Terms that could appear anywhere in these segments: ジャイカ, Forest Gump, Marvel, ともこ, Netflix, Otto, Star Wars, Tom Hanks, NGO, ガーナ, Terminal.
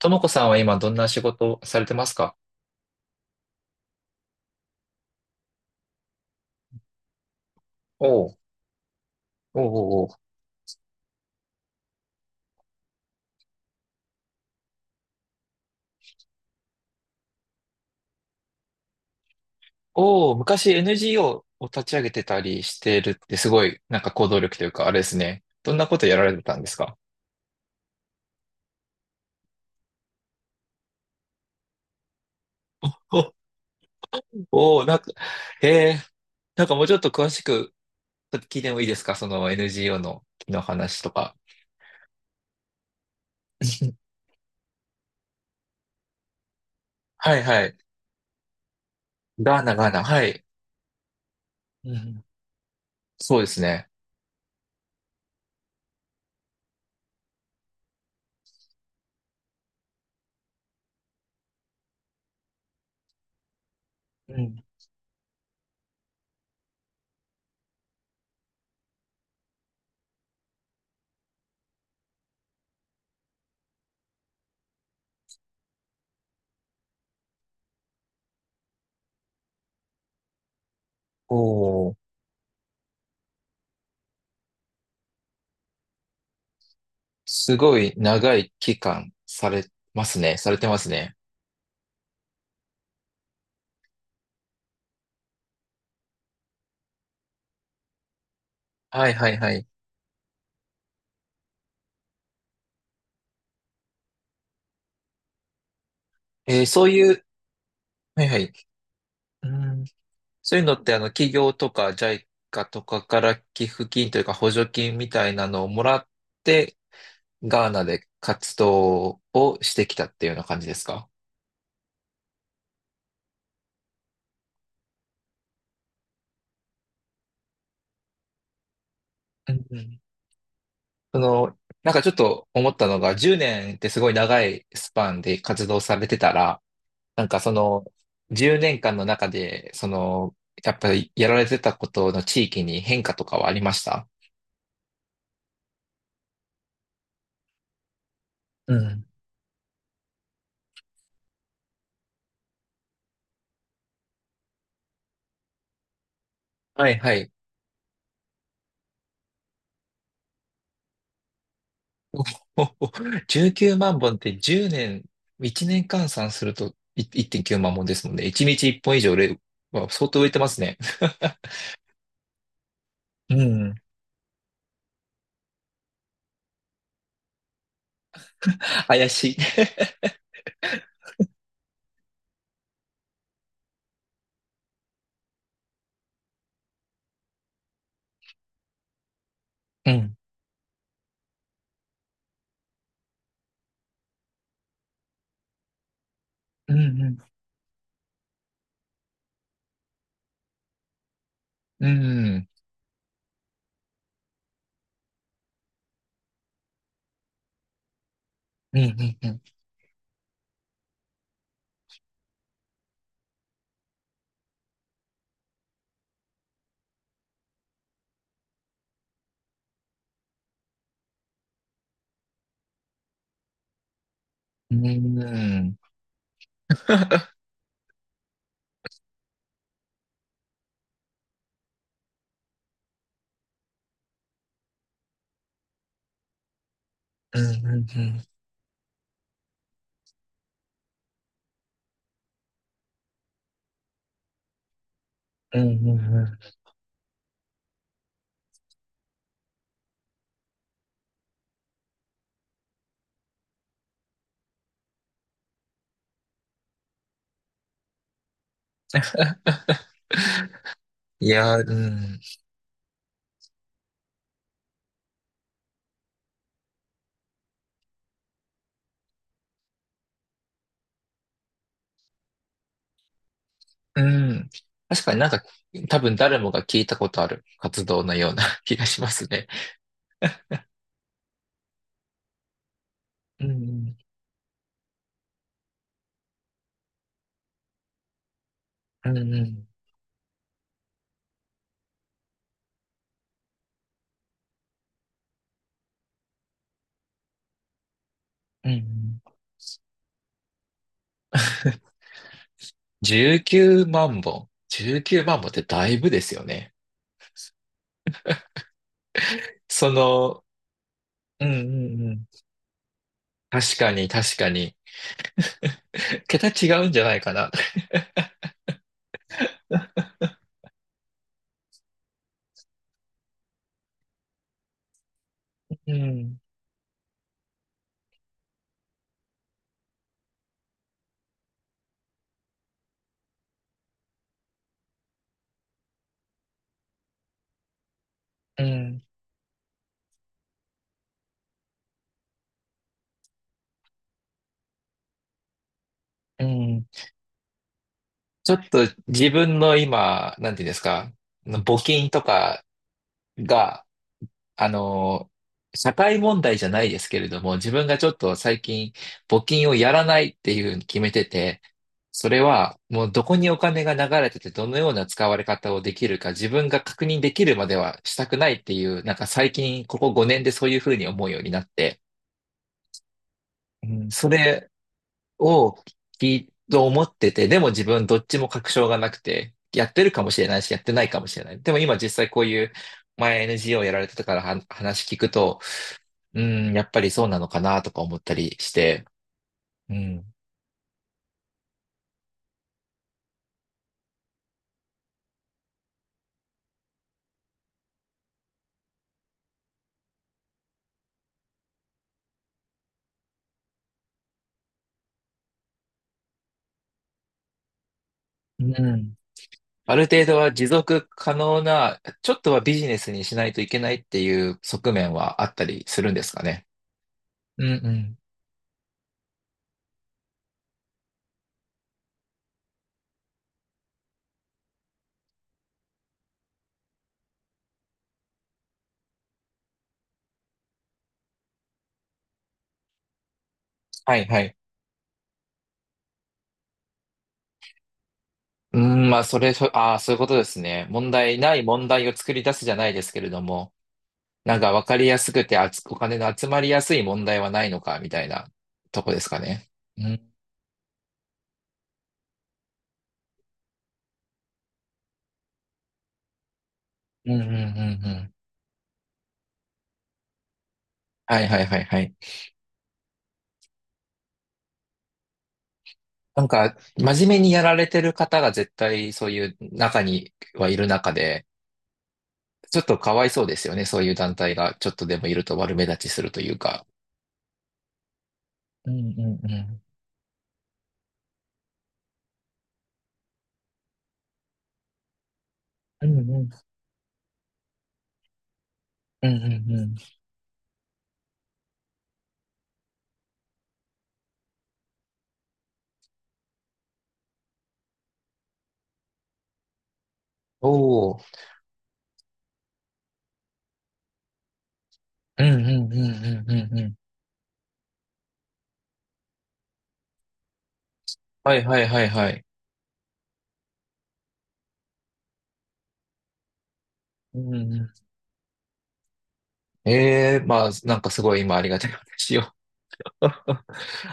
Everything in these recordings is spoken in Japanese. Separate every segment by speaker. Speaker 1: ともこさんは今どんな仕事をされてますか？おう、おうおうおう、おう、昔 NGO を立ち上げてたりしてるってすごい、なんか行動力というか、あれですね。どんなことやられてたんですか？お、おう、なんか、へえ、なんかもうちょっと詳しく聞いてもいいですか、その NGO の木の話とか。はいはい。ガーナ、ガーナ、はい。うん、そうですね。うん、おお、すごい長い期間されますね。されてますね。はいはいはい。えー、そういう、はいはい。うん、そういうのって、あの、企業とかジャイカとかから寄付金というか補助金みたいなのをもらって、ガーナで活動をしてきたっていうような感じですか？うんうん、その、なんかちょっと思ったのが、10年ってすごい長いスパンで活動されてたら、なんかその、10年間の中で、その、やっぱりやられてたことの地域に変化とかはありました？うん。はいはい。おお、19万本って10年、1年換算するとい1.9万本ですもんね。1日1本以上売れ、わ相当売れてますね。うん。怪しい。うん。うん。うん。うん。うん。うん。うん。うん。うん。うん。うん。うん、いやー、うん。うん。確かになんか、多分誰もが聞いたことある活動のような 気がしますね。うん。うん。うん。うん。うん、19万本。19万本ってだいぶですよね。その、うんうんうん。確かに確かに。桁違うんじゃないかな。うん、うん、うん。ちょっと自分の今、なんていうんですか、募金とかが、あの、社会問題じゃないですけれども、自分がちょっと最近募金をやらないっていうふうに決めてて、それはもうどこにお金が流れててどのような使われ方をできるか自分が確認できるまではしたくないっていう、なんか最近ここ5年でそういうふうに思うようになって、うん、それを聞いと思ってて、でも自分どっちも確証がなくて、やってるかもしれないし、やってないかもしれない。でも今実際こういう前 NGO やられてたからは話聞くと、うん、やっぱりそうなのかなとか思ったりして、うん。うん。ある程度は持続可能な、ちょっとはビジネスにしないといけないっていう側面はあったりするんですかね？うんうん。はいはい。うん、まあ、それ、そ、ああ、そういうことですね。問題ない問題を作り出すじゃないですけれども、なんか分かりやすくてあつ、お金の集まりやすい問題はないのか、みたいなとこですかね。うん。うんうんうんうん。はいはいはいはい。なんか、真面目にやられてる方が絶対そういう中にはいる中で、ちょっとかわいそうですよね。そういう団体がちょっとでもいると悪目立ちするというか。うんうんうん。うんうん。うんうんうん。おー。うんうんうんうんうんうん。はいはいはいはい。うんうん。ええー、まあ、なんかすごい今ありがたい話を。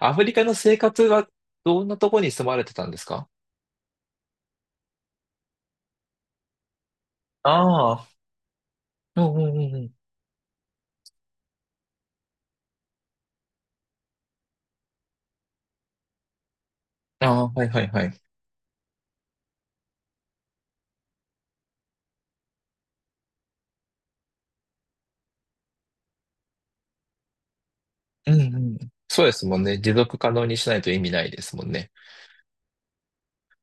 Speaker 1: アフリカの生活はどんなとこに住まれてたんですか？ああー。うんうんうんうん。ああ、はいはいはい。うんうん。そうですもんね。持続可能にしないと意味ないですもんね。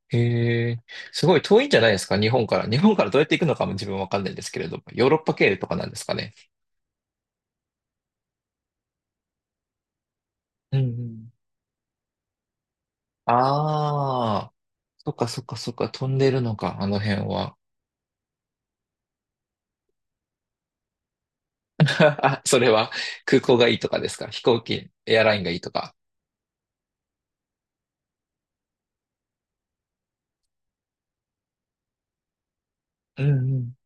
Speaker 1: へえ、すごい遠いんじゃないですか、日本から。日本からどうやって行くのかも自分わかんないんですけれども、ヨーロッパ経由とかなんですかね。うんうん。ああ、そっかそっかそっか、飛んでるのか、あの辺は。あ、それは空港がいいとかですか、飛行機、エアラインがいいとか。うんうん。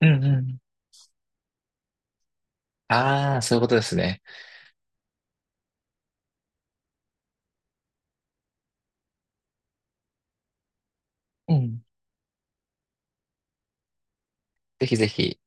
Speaker 1: うんうん。ああ、そういうことですね。うん。ぜひぜひ。